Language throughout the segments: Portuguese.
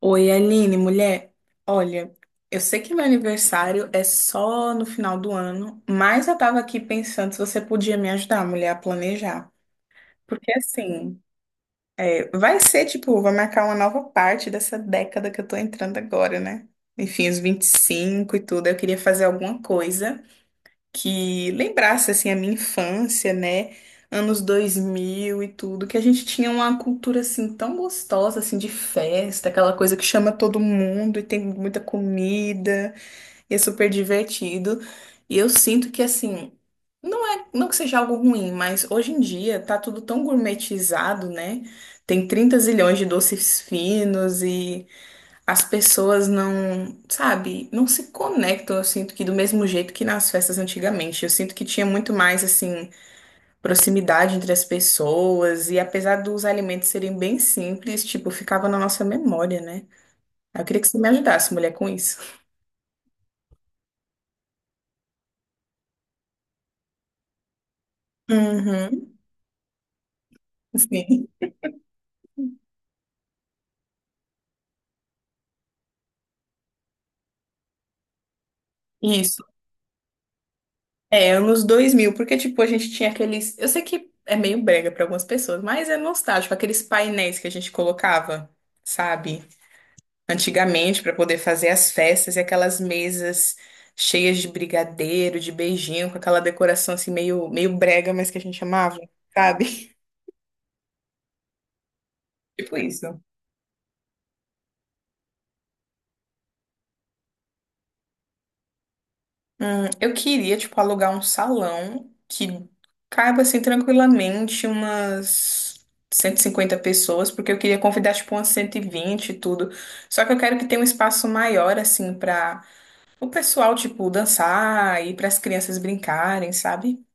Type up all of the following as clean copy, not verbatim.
Oi, Aline, mulher. Olha, eu sei que meu aniversário é só no final do ano, mas eu tava aqui pensando se você podia me ajudar, mulher, a planejar. Porque assim, é, vai marcar uma nova parte dessa década que eu tô entrando agora, né? Enfim, os 25 e tudo. Eu queria fazer alguma coisa que lembrasse assim a minha infância, né? Anos 2000 e tudo, que a gente tinha uma cultura assim tão gostosa assim de festa, aquela coisa que chama todo mundo e tem muita comida, e é super divertido. E eu sinto que assim, não é, não que seja algo ruim, mas hoje em dia tá tudo tão gourmetizado, né? Tem 30 zilhões de doces finos e as pessoas não, sabe, não se conectam, eu sinto que do mesmo jeito que nas festas antigamente. Eu sinto que tinha muito mais, assim, proximidade entre as pessoas, e apesar dos alimentos serem bem simples, tipo, ficava na nossa memória, né? Eu queria que você me ajudasse, mulher, com isso. Uhum, sim, isso. É, anos 2000 porque, tipo, a gente tinha aqueles. Eu sei que é meio brega para algumas pessoas, mas é nostálgico, aqueles painéis que a gente colocava, sabe? Antigamente para poder fazer as festas e aquelas mesas cheias de brigadeiro, de beijinho, com aquela decoração assim meio, meio brega, mas que a gente amava, sabe? Tipo isso. Eu queria, tipo, alugar um salão que caiba, assim, tranquilamente umas 150 pessoas, porque eu queria convidar, tipo, umas 120 e vinte e tudo. Só que eu quero que tenha um espaço maior, assim, pra o pessoal, tipo, dançar e para as crianças brincarem, sabe?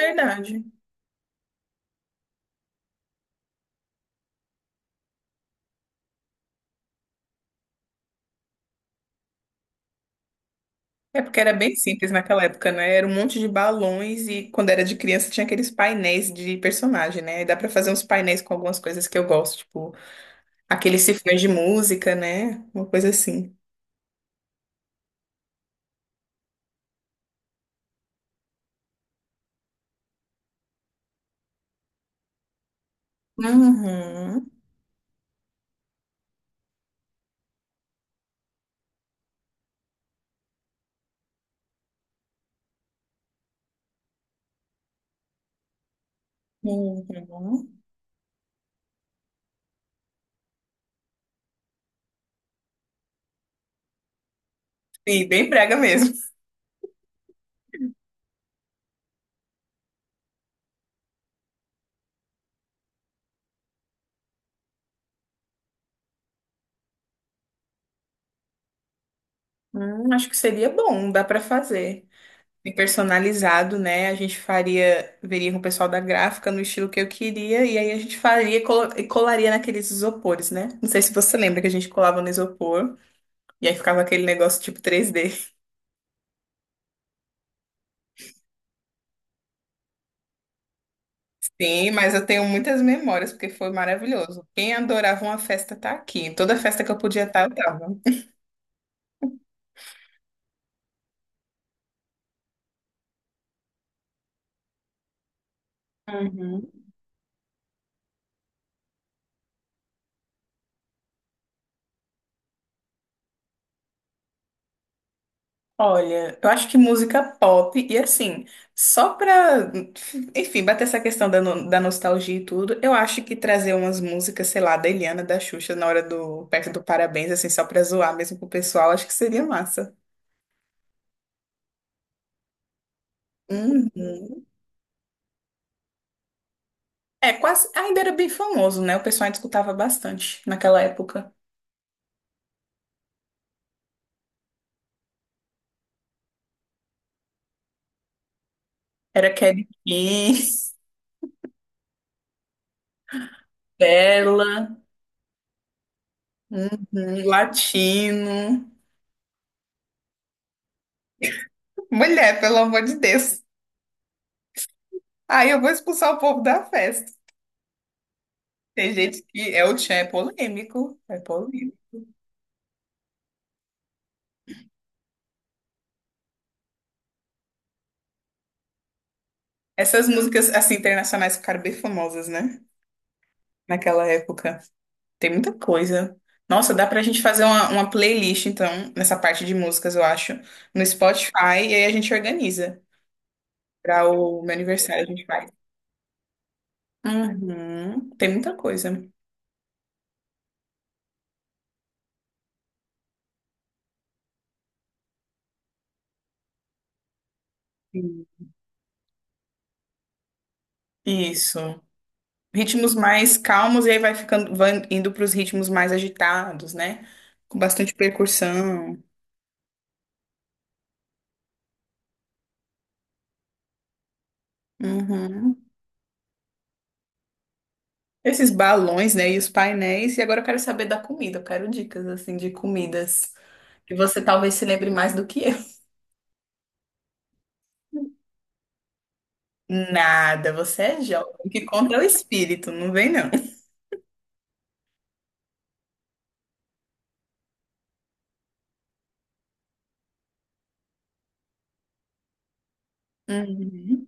Verdade. É porque era bem simples naquela época, né? Era um monte de balões e quando era de criança tinha aqueles painéis de personagem, né? E dá pra fazer uns painéis com algumas coisas que eu gosto, tipo aqueles cifrões de música, né? Uma coisa assim. Uhum. Uhum. Sim, bem brega mesmo. Acho que seria bom, dá pra fazer. E personalizado, né? A gente faria, veria com o pessoal da gráfica no estilo que eu queria, e aí a gente faria e colaria naqueles isopores, né? Não sei se você lembra que a gente colava no isopor. E aí ficava aquele negócio tipo 3D. Sim, mas eu tenho muitas memórias, porque foi maravilhoso. Quem adorava uma festa tá aqui. Toda festa que eu podia estar, eu tava. Uhum. Olha, eu acho que música pop, e assim, só pra, enfim, bater essa questão da, da nostalgia e tudo, eu acho que trazer umas músicas, sei lá, da Eliana, da Xuxa, na hora do, perto do Parabéns, assim, só pra zoar mesmo pro pessoal, acho que seria massa. Uhum. É, quase, ainda era bem famoso, né? O pessoal ainda escutava bastante naquela época. Era Kelly Kiss, Bella, uhum, Latino. Mulher, pelo amor de Deus. Aí eu vou expulsar o povo da festa. Tem gente que é o tchan, é polêmico. É polêmico. Essas músicas, assim, internacionais ficaram bem famosas, né? Naquela época. Tem muita coisa. Nossa, dá pra gente fazer uma playlist, então, nessa parte de músicas, eu acho, no Spotify, e aí a gente organiza. Pra o meu aniversário a gente vai. Uhum. Tem muita coisa. Sim. Isso. Ritmos mais calmos e aí vai ficando, vai indo para os ritmos mais agitados, né? Com bastante percussão. Uhum. Esses balões, né? E os painéis. E agora eu quero saber da comida. Eu quero dicas, assim, de comidas que você talvez se lembre mais do que eu. Nada, você é jovem. O que conta é o espírito, não vem não. Uhum.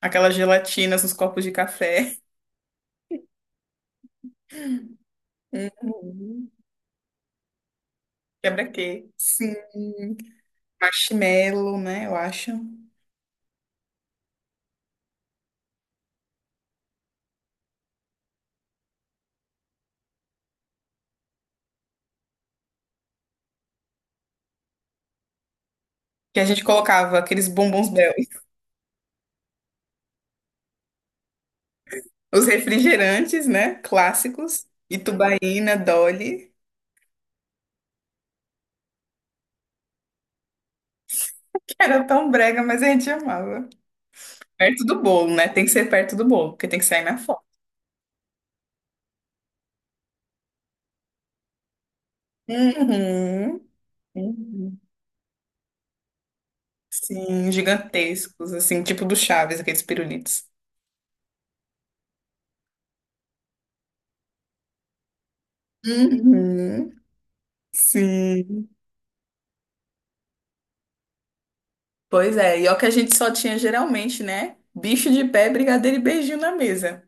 Aquelas gelatinas nos copos de café. Uhum. Quebra-queixo. Sim. Marshmallow, né? Eu acho. Que a gente colocava aqueles bombons. Os refrigerantes, né? Clássicos. Itubaína, Dolly, que era tão brega, mas a gente amava. Perto do bolo, né? Tem que ser perto do bolo, porque tem que sair na foto. Uhum. Uhum. Sim, gigantescos, assim, tipo do Chaves, aqueles pirulitos. Uhum. Sim. Pois é, e é o que a gente só tinha geralmente, né? Bicho de pé, brigadeiro e beijinho na mesa.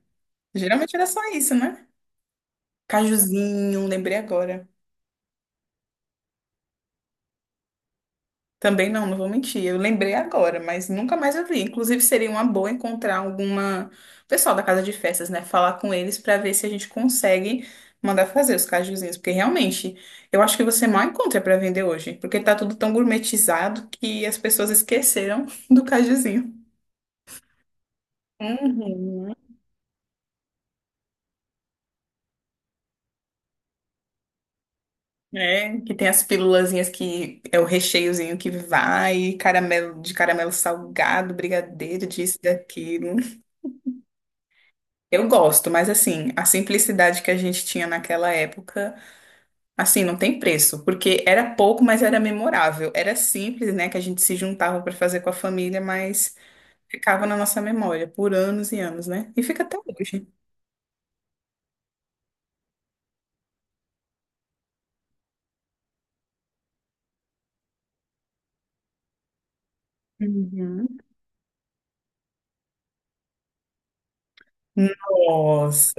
Geralmente era só isso, né? Cajuzinho, lembrei agora. Também não, não vou mentir. Eu lembrei agora, mas nunca mais eu vi. Inclusive, seria uma boa encontrar alguma pessoal da casa de festas, né? Falar com eles para ver se a gente consegue mandar fazer os cajuzinhos, porque realmente eu acho que você mal encontra para vender hoje, porque tá tudo tão gourmetizado que as pessoas esqueceram do cajuzinho. Uhum. É, que tem as pílulazinhas que é o recheiozinho que vai, caramelo de caramelo salgado, brigadeiro, disso, daquilo. Eu gosto, mas assim, a simplicidade que a gente tinha naquela época, assim, não tem preço, porque era pouco, mas era memorável. Era simples, né, que a gente se juntava para fazer com a família, mas ficava na nossa memória por anos e anos, né? E fica até hoje. Uhum. Nossa,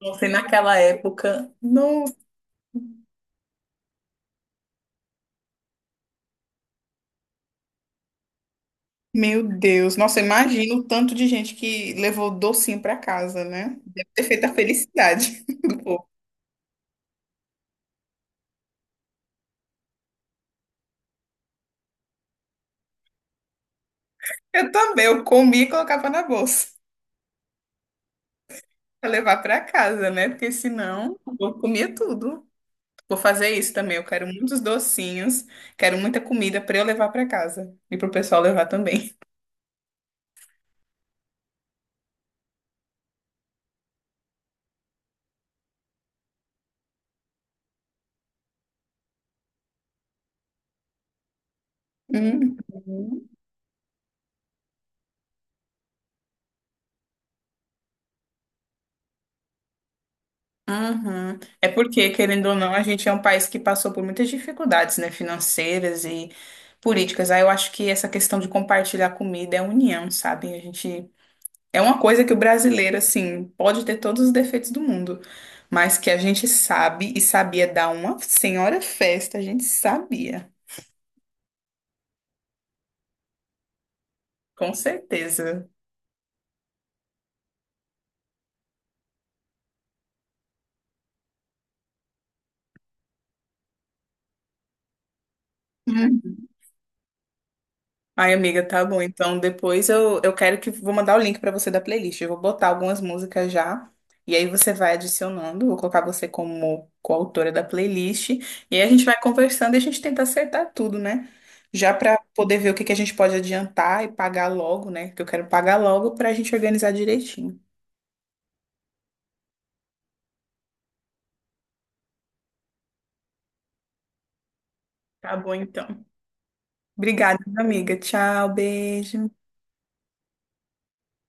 você naquela época, não, meu Deus, nossa, imagina o tanto de gente que levou docinho para casa, né? Deve ter feito a felicidade do povo. Eu também, eu comia e colocava na bolsa. Pra levar pra casa, né? Porque senão eu vou comer tudo. Vou fazer isso também. Eu quero muitos docinhos, quero muita comida pra eu levar pra casa e pro pessoal levar também. Uhum. Uhum. É porque, querendo ou não, a gente é um país que passou por muitas dificuldades, né, financeiras e políticas. Aí eu acho que essa questão de compartilhar comida é união, sabe? A gente é uma coisa que o brasileiro, assim, pode ter todos os defeitos do mundo, mas que a gente sabe e sabia dar uma senhora festa, a gente sabia, com certeza. Ai, amiga, tá bom. Então, depois eu quero que vou mandar o link pra você da playlist. Eu vou botar algumas músicas já. E aí você vai adicionando. Vou colocar você como coautora da playlist. E aí a gente vai conversando e a gente tenta acertar tudo, né? Já pra poder ver o que que a gente pode adiantar e pagar logo, né? Que eu quero pagar logo pra gente organizar direitinho. Tá bom, então. Obrigada, amiga. Tchau, beijo.